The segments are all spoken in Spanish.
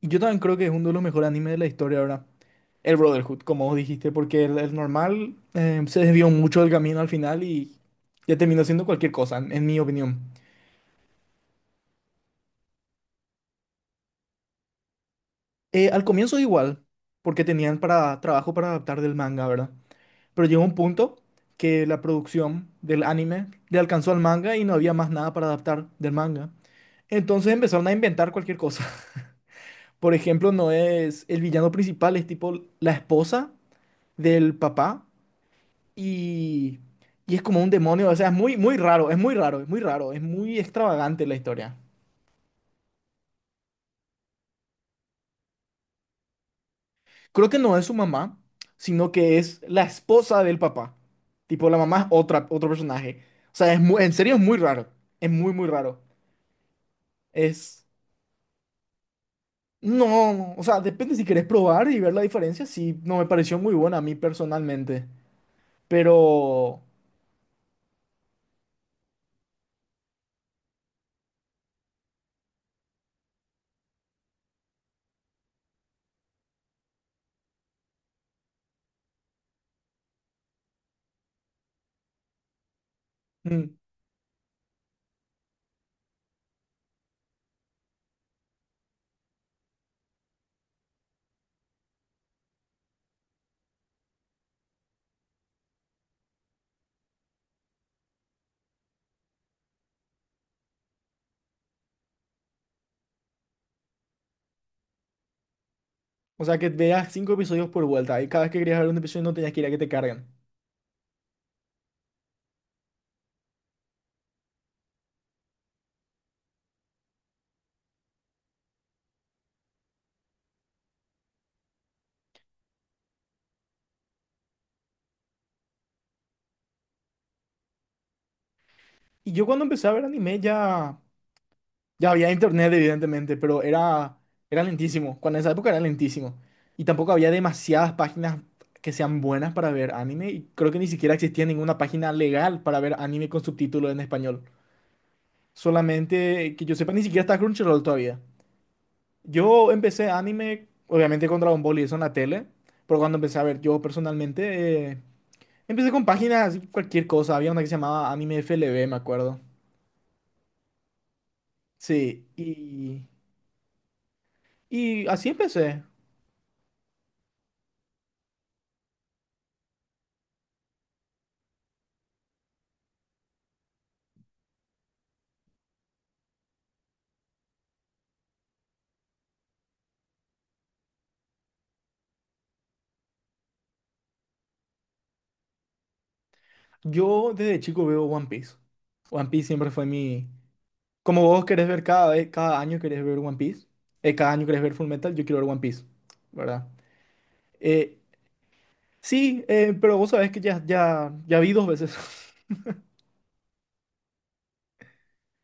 Yo también creo que es uno de los mejores animes de la historia ahora. El Brotherhood, como vos dijiste, porque el normal se desvió mucho del camino al final y ya terminó siendo cualquier cosa, en mi opinión. Al comienzo igual, porque tenían trabajo para adaptar del manga, ¿verdad? Pero llegó un punto que la producción del anime le alcanzó al manga y no había más nada para adaptar del manga. Entonces empezaron a inventar cualquier cosa. Por ejemplo, no es el villano principal, es tipo la esposa del papá y, y es como un demonio, o sea, es muy, muy raro, es muy raro, es muy raro, es muy extravagante la historia. Creo que no es su mamá, sino que es la esposa del papá. Tipo, la mamá es otra, otro personaje. O sea, en serio es muy raro, es muy, muy raro. Es... No, o sea, depende si querés probar y ver la diferencia, sí, no me pareció muy buena a mí personalmente, pero... mm, O sea, que veas cinco episodios por vuelta y cada vez que querías ver un episodio no tenías que ir a que te carguen. Y yo cuando empecé a ver anime ya... Ya había internet, evidentemente, pero era lentísimo. Cuando en esa época era lentísimo. Y tampoco había demasiadas páginas que sean buenas para ver anime. Y creo que ni siquiera existía ninguna página legal para ver anime con subtítulos en español. Solamente que yo sepa, ni siquiera está Crunchyroll todavía. Yo empecé anime, obviamente, con Dragon Ball y eso en la tele. Pero cuando empecé a ver yo personalmente, empecé con páginas, cualquier cosa. Había una que se llamaba Anime FLV, me acuerdo. Sí, y así empecé. Yo desde chico veo One Piece. One Piece siempre fue mi... Como vos querés ver cada vez, cada año querés ver One Piece, cada año querés ver Full Metal, yo quiero ver One Piece, ¿verdad? Eh, sí, pero vos sabés que ya vi dos veces.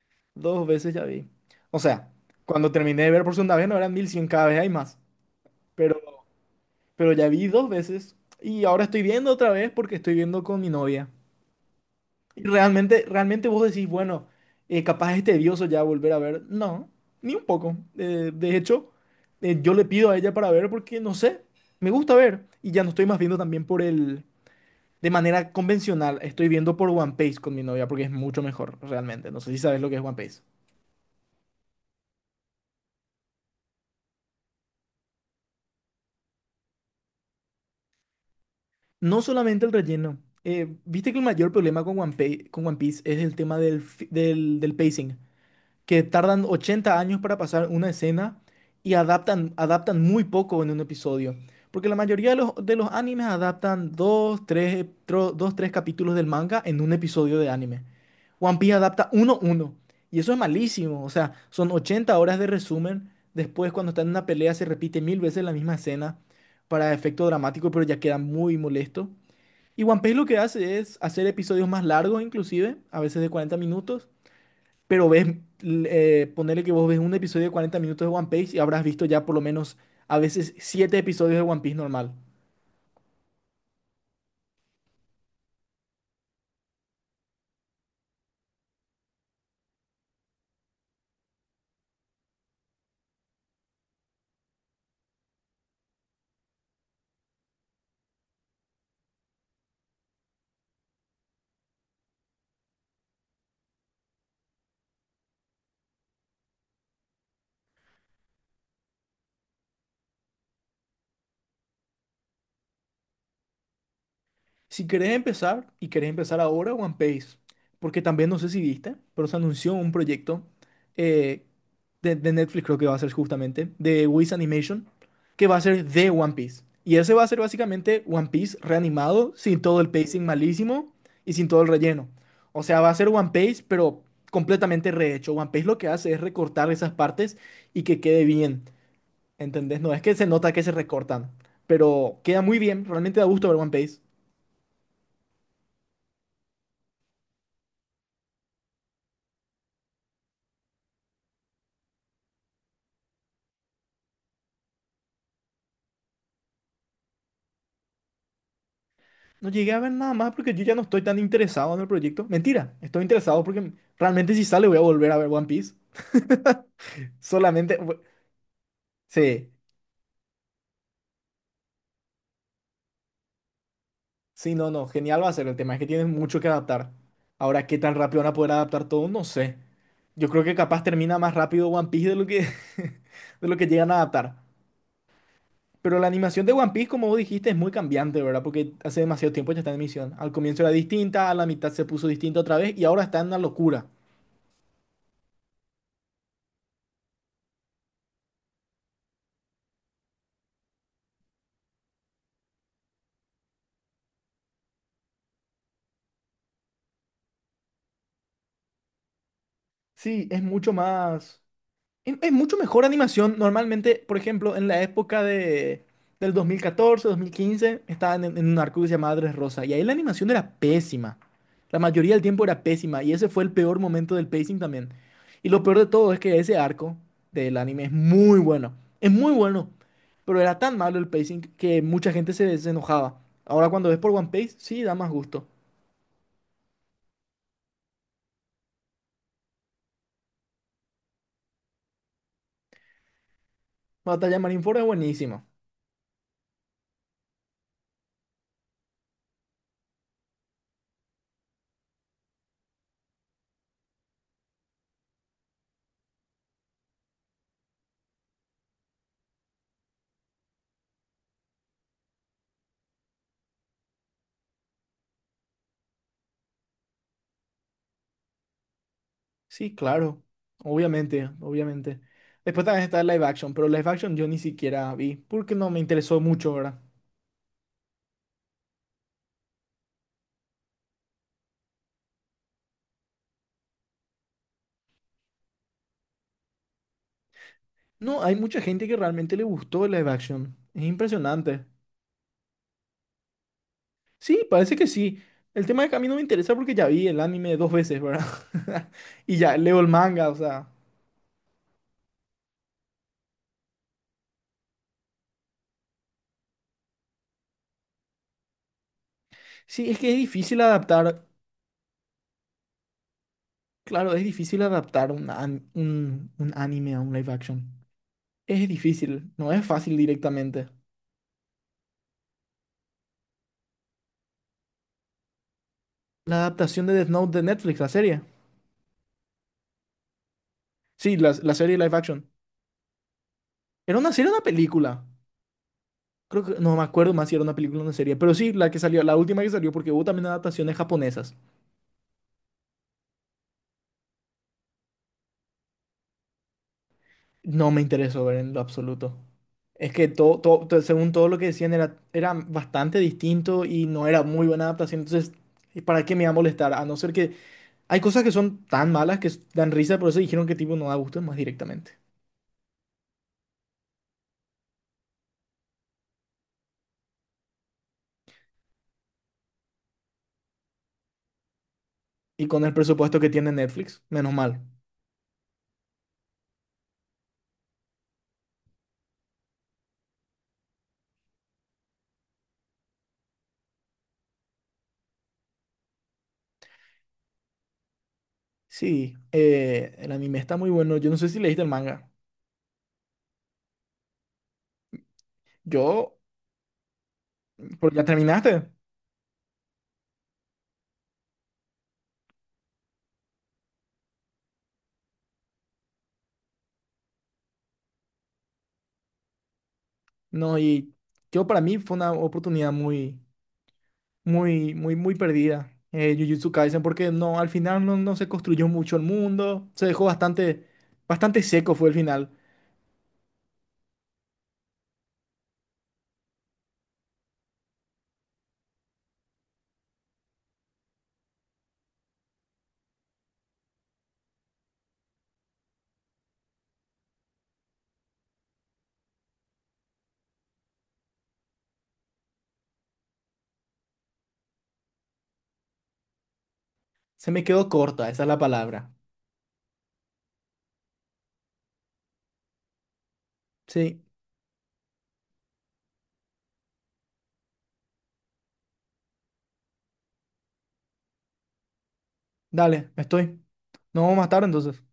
Dos veces ya vi. O sea, cuando terminé de ver por segunda vez no eran 1.100, cada vez hay más. Pero, pero ya vi dos veces y ahora estoy viendo otra vez porque estoy viendo con mi novia. Y realmente vos decís, bueno, capaz es tedioso ya volver a ver. No, ni un poco. De hecho, yo le pido a ella para ver porque, no sé, me gusta ver. Y ya no estoy más viendo también por el... De manera convencional, estoy viendo por One Piece con mi novia porque es mucho mejor, realmente. No sé si sabes lo que es One Piece. No solamente el relleno. Viste que el mayor problema con One Piece es el tema del pacing. Que tardan 80 años para pasar una escena y adaptan muy poco en un episodio. Porque la mayoría de los animes adaptan dos, tres capítulos del manga en un episodio de anime. One Piece adapta uno, uno. Y eso es malísimo. O sea, son 80 horas de resumen. Después, cuando están en una pelea, se repite mil veces la misma escena para efecto dramático, pero ya queda muy molesto. Y One Piece lo que hace es hacer episodios más largos, inclusive, a veces de 40 minutos, pero ves, ponele que vos ves un episodio de 40 minutos de One Piece y habrás visto ya por lo menos a veces 7 episodios de One Piece normal. Si querés empezar, y querés empezar ahora, One Piece, porque también no sé si viste, pero se anunció un proyecto eh, de, Netflix, creo que va a ser justamente de Wiz Animation, que va a ser de One Piece. Y ese va a ser básicamente One Piece reanimado, sin todo el pacing malísimo y sin todo el relleno. O sea, va a ser One Piece, pero completamente rehecho. One Piece lo que hace es recortar esas partes y que quede bien. ¿Entendés? No es que se nota que se recortan, pero queda muy bien, realmente da gusto ver One Piece. No llegué a ver nada más porque yo ya no estoy tan interesado en el proyecto. Mentira, estoy interesado porque realmente si sale voy a volver a ver One Piece. Solamente, sí, sí, no, no, genial va a ser. El tema es que tienes mucho que adaptar. Ahora, ¿qué tan rápido van a poder adaptar todo? No sé. Yo creo que capaz termina más rápido One Piece de lo que, de lo que llegan a adaptar. Pero la animación de One Piece, como vos dijiste, es muy cambiante, ¿verdad? Porque hace demasiado tiempo ya está en emisión. Al comienzo era distinta, a la mitad se puso distinta otra vez y ahora está en una locura. Sí, es mucho más. Es mucho mejor animación. Normalmente, por ejemplo, en la época de, del 2014, 2015 estaban en un arco que se llamaba Rosa. Y ahí la animación era pésima. La mayoría del tiempo era pésima. Y ese fue el peor momento del pacing también. Y lo peor de todo es que ese arco del anime es muy bueno. Es muy bueno. Pero era tan malo el pacing que mucha gente se enojaba. Ahora cuando ves por One Piece, sí, da más gusto. Batalla de Marineford es buenísimo. Sí, claro. Obviamente, obviamente. Después también está el live action, pero live action yo ni siquiera vi porque no me interesó mucho, ¿verdad? No, hay mucha gente que realmente le gustó el live action. Es impresionante. Sí, parece que sí. El tema de que a mí no me interesa porque ya vi el anime dos veces, ¿verdad? Y ya leo el manga, o sea. Sí, es que es difícil adaptar. Claro, es difícil adaptar un anime a un live action. Es difícil, no es fácil directamente. La adaptación de Death Note de Netflix, la serie. Sí, la serie live action. Era una serie, o una película. Creo que no me acuerdo más si era una película o una serie, pero sí, la que salió, la última que salió, porque hubo también adaptaciones japonesas. No me interesó ver en lo absoluto. Es que según todo lo que decían, era bastante distinto y no era muy buena adaptación. Entonces, y ¿para qué me iba a molestar? A no ser que hay cosas que son tan malas que dan risa, por eso dijeron que tipo no da gusto más directamente. Y con el presupuesto que tiene Netflix, menos mal. Sí, el anime está muy bueno. Yo no sé si leíste el manga. Yo. Porque ya terminaste, ¿no? Y yo para mí fue una oportunidad muy, muy, muy, muy perdida, Jujutsu Kaisen, porque no, al final no, no se construyó mucho el mundo, se dejó bastante, bastante seco fue el final. Se me quedó corta, esa es la palabra. Sí, dale, estoy. Nos vemos más tarde entonces.